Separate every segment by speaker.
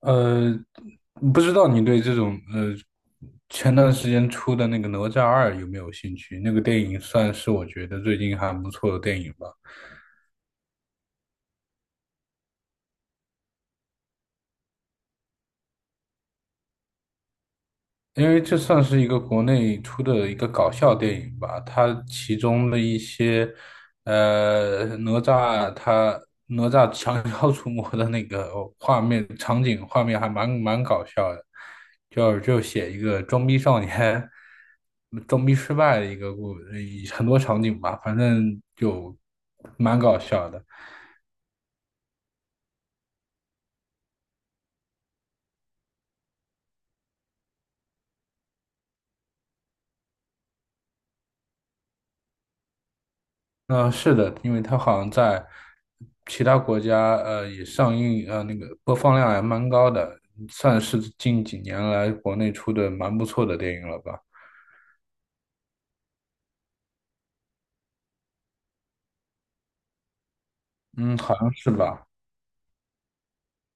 Speaker 1: 呃，不知道你对这种前段时间出的那个《哪吒二》有没有兴趣？那个电影算是我觉得最近还不错的电影吧。因为这算是一个国内出的一个搞笑电影吧，它其中的一些，呃，哪吒他哪吒降 妖除魔的那个画面还蛮搞笑的，就写一个装逼少年装逼失败的一个很多场景吧，反正就蛮搞笑的。是的，因为它好像在其他国家，也上映，那个播放量还蛮高的，算是近几年来国内出的蛮不错的电影了吧？嗯，好像是吧？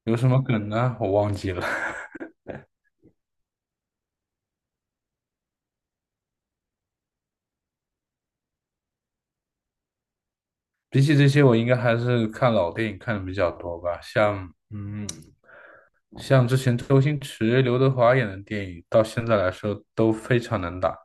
Speaker 1: 有什么梗呢？我忘记了。比起这些，我应该还是看老电影看的比较多吧，像，嗯，像之前周星驰、刘德华演的电影，到现在来说都非常能打。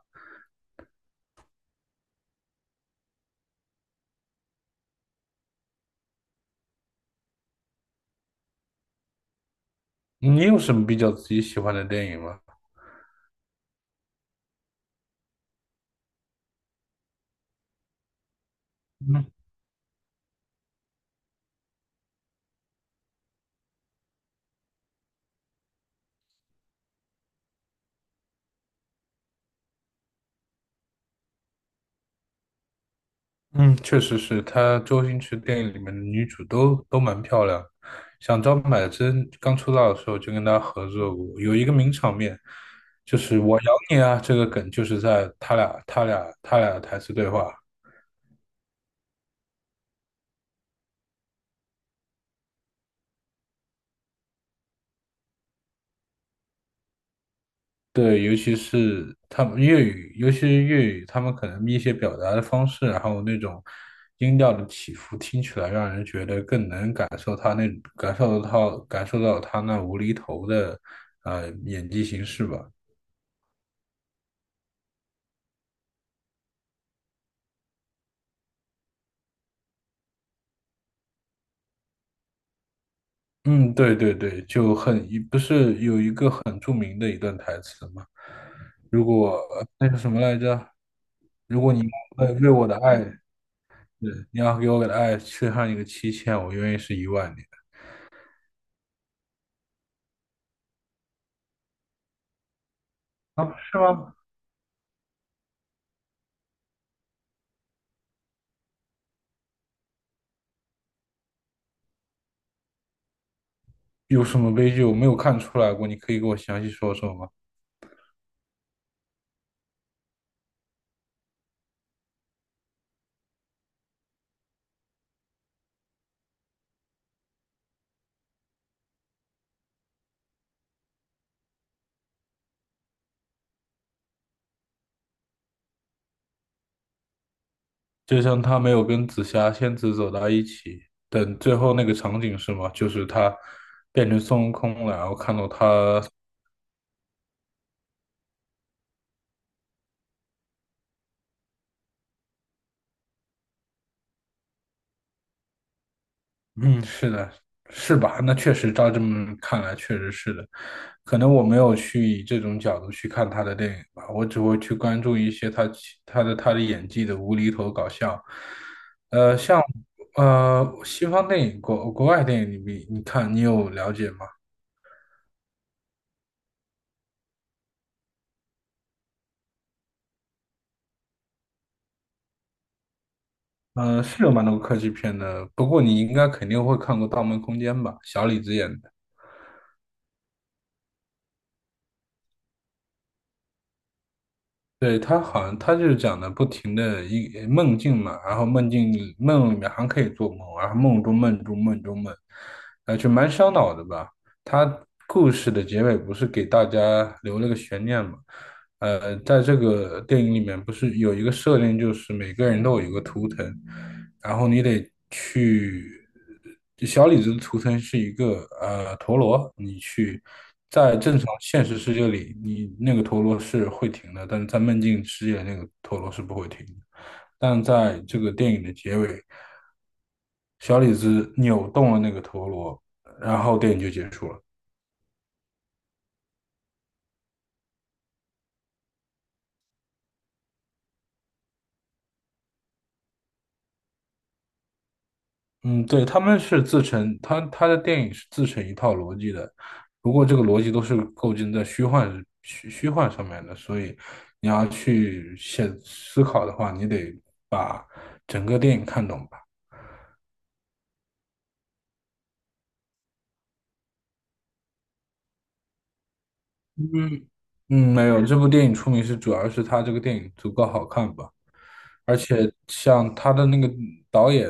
Speaker 1: 你有什么比较自己喜欢的电影吗？嗯。嗯，确实是，她周星驰电影里面的女主都蛮漂亮。像张柏芝刚出道的时候就跟她合作过，有一个名场面，就是"我咬你啊"这个梗，就是在他俩的台词对话。对，尤其是粤语，他们可能一些表达的方式，然后那种音调的起伏，听起来让人觉得更能感受到他那无厘头的演技形式吧。嗯，对对对，就很，不是有一个很著名的一段台词吗？如果那是什么来着？如果你为我的爱，对，你要给我的爱缺上一个七千，我愿意是一万年啊，是吗？有什么悲剧我没有看出来过？你可以给我详细说说吗？就像他没有跟紫霞仙子走到一起，等最后那个场景是吗？就是他变成孙悟空了，然后看到他嗯，是的，是吧？那确实，照这么看来，确实是的。可能我没有去以这种角度去看他的电影吧，我只会去关注一些他的演技的无厘头搞笑。像西方电影、国外电影你有了解吗？嗯，是有蛮多科技片的，不过你应该肯定会看过《盗梦空间》吧？小李子演的。对，他好像他就是讲的不停的梦境嘛，然后梦里面还可以做梦，然后梦中梦中梦，就蛮烧脑的吧。他故事的结尾不是给大家留了个悬念嘛？在这个电影里面不是有一个设定，就是每个人都有一个图腾，然后你得去，小李子的图层是一个陀螺，在正常现实世界里，你那个陀螺是会停的，但是在梦境世界那个陀螺是不会停的。但在这个电影的结尾，小李子扭动了那个陀螺，然后电影就结束了。嗯对，他们是自成，他他的电影是自成一套逻辑的，不过这个逻辑都是构建在虚幻虚虚幻上面的，所以你要去写思考的话，你得把整个电影看懂吧。嗯嗯，没有，这部电影出名主要是他这个电影足够好看吧，而且像他的那个导演。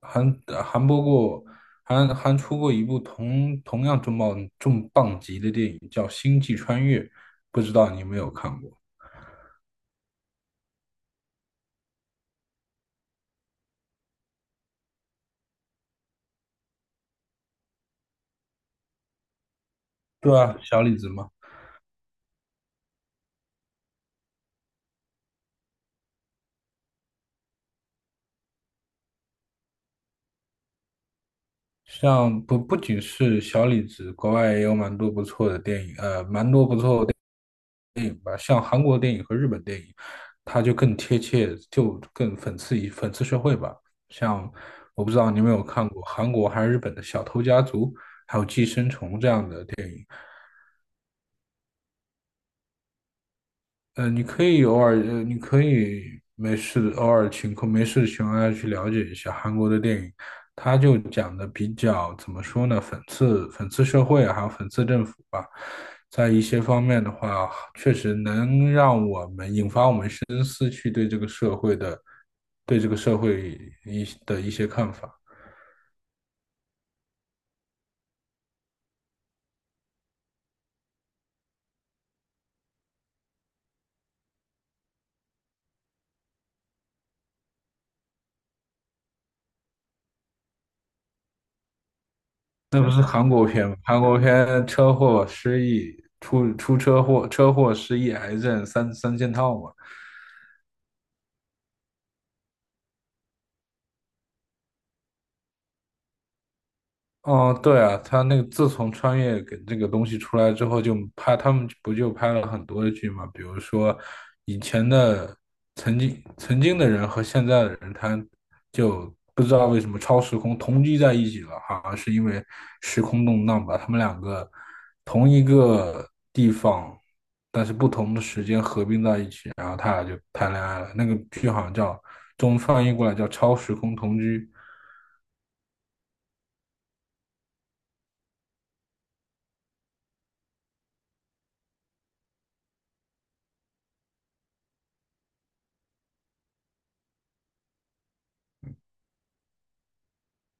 Speaker 1: 还还播过，还出过一部同样重磅级的电影，叫《星际穿越》，不知道你有没有看过？对啊，小李子嘛，像不仅是小李子，国外也有蛮多不错的电影，呃，蛮多不错的电影吧，像韩国电影和日本电影，它就更贴切，就更讽刺一讽刺社会吧。像我不知道你有没有看过韩国还是日本的《小偷家族》，还有《寄生虫》这样的。你可以没事的偶尔情况没事的情况下去了解一下韩国的电影，他就讲的比较怎么说呢，讽刺社会还有讽刺政府吧，在一些方面的话，确实能让我们引发我们深思，去对这个社会的对这个社会一些看法。那不是韩国片吗？韩国片车祸、失忆、癌症三件套嘛。哦，对啊，他那个自从穿越给这个东西出来之后，他们不就拍了很多的剧嘛？比如说以前的曾经的人和现在的人，他就不知道为什么超时空同居在一起了，好像是因为时空动荡把他们两个同一个地方，但是不同的时间合并在一起，然后他俩就谈恋爱了。那个剧好像叫中文翻译过来叫《超时空同居》。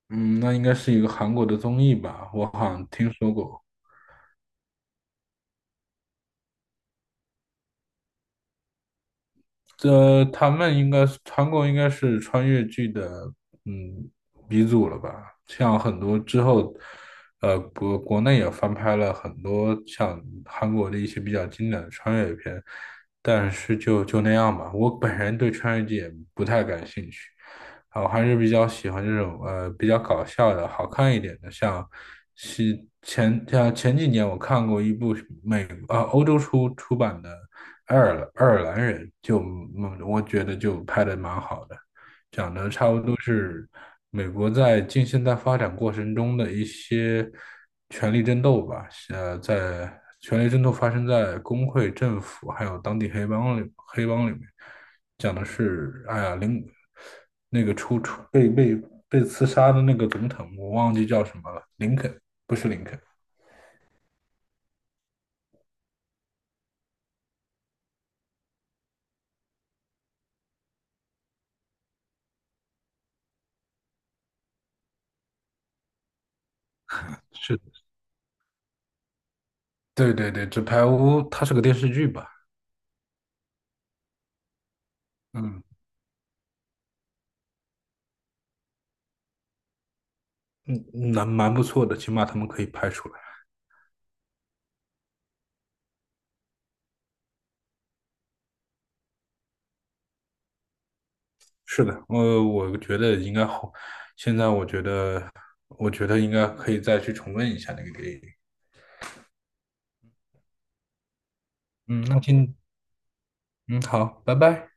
Speaker 1: 嗯，那应该是一个韩国的综艺吧，我好像听说过。他们应该是穿越剧的嗯鼻祖了吧？像很多之后，国内也翻拍了很多像韩国的一些比较经典的穿越片，但是就那样吧。我本人对穿越剧也不太感兴趣，啊，我还是比较喜欢这种比较搞笑的、好看一点的，是像前几年我看过一部欧洲出版的。爱尔兰人，就嗯我觉得就拍的蛮好的，讲的差不多是美国在近现代发展过程中的一些权力争斗吧，呃，在权力争斗发生在工会、政府还有当地黑帮里面，讲的是哎呀林那个出出被被被刺杀的那个总统，我忘记叫什么了，林肯不是林肯，是对对对，纸牌屋它是个电视剧吧，嗯。嗯，蛮不错的，起码他们可以拍出来。是的，我觉得应该好。现在我觉得，我觉得应该可以再去重温一下那个电影。嗯，嗯，好，拜拜。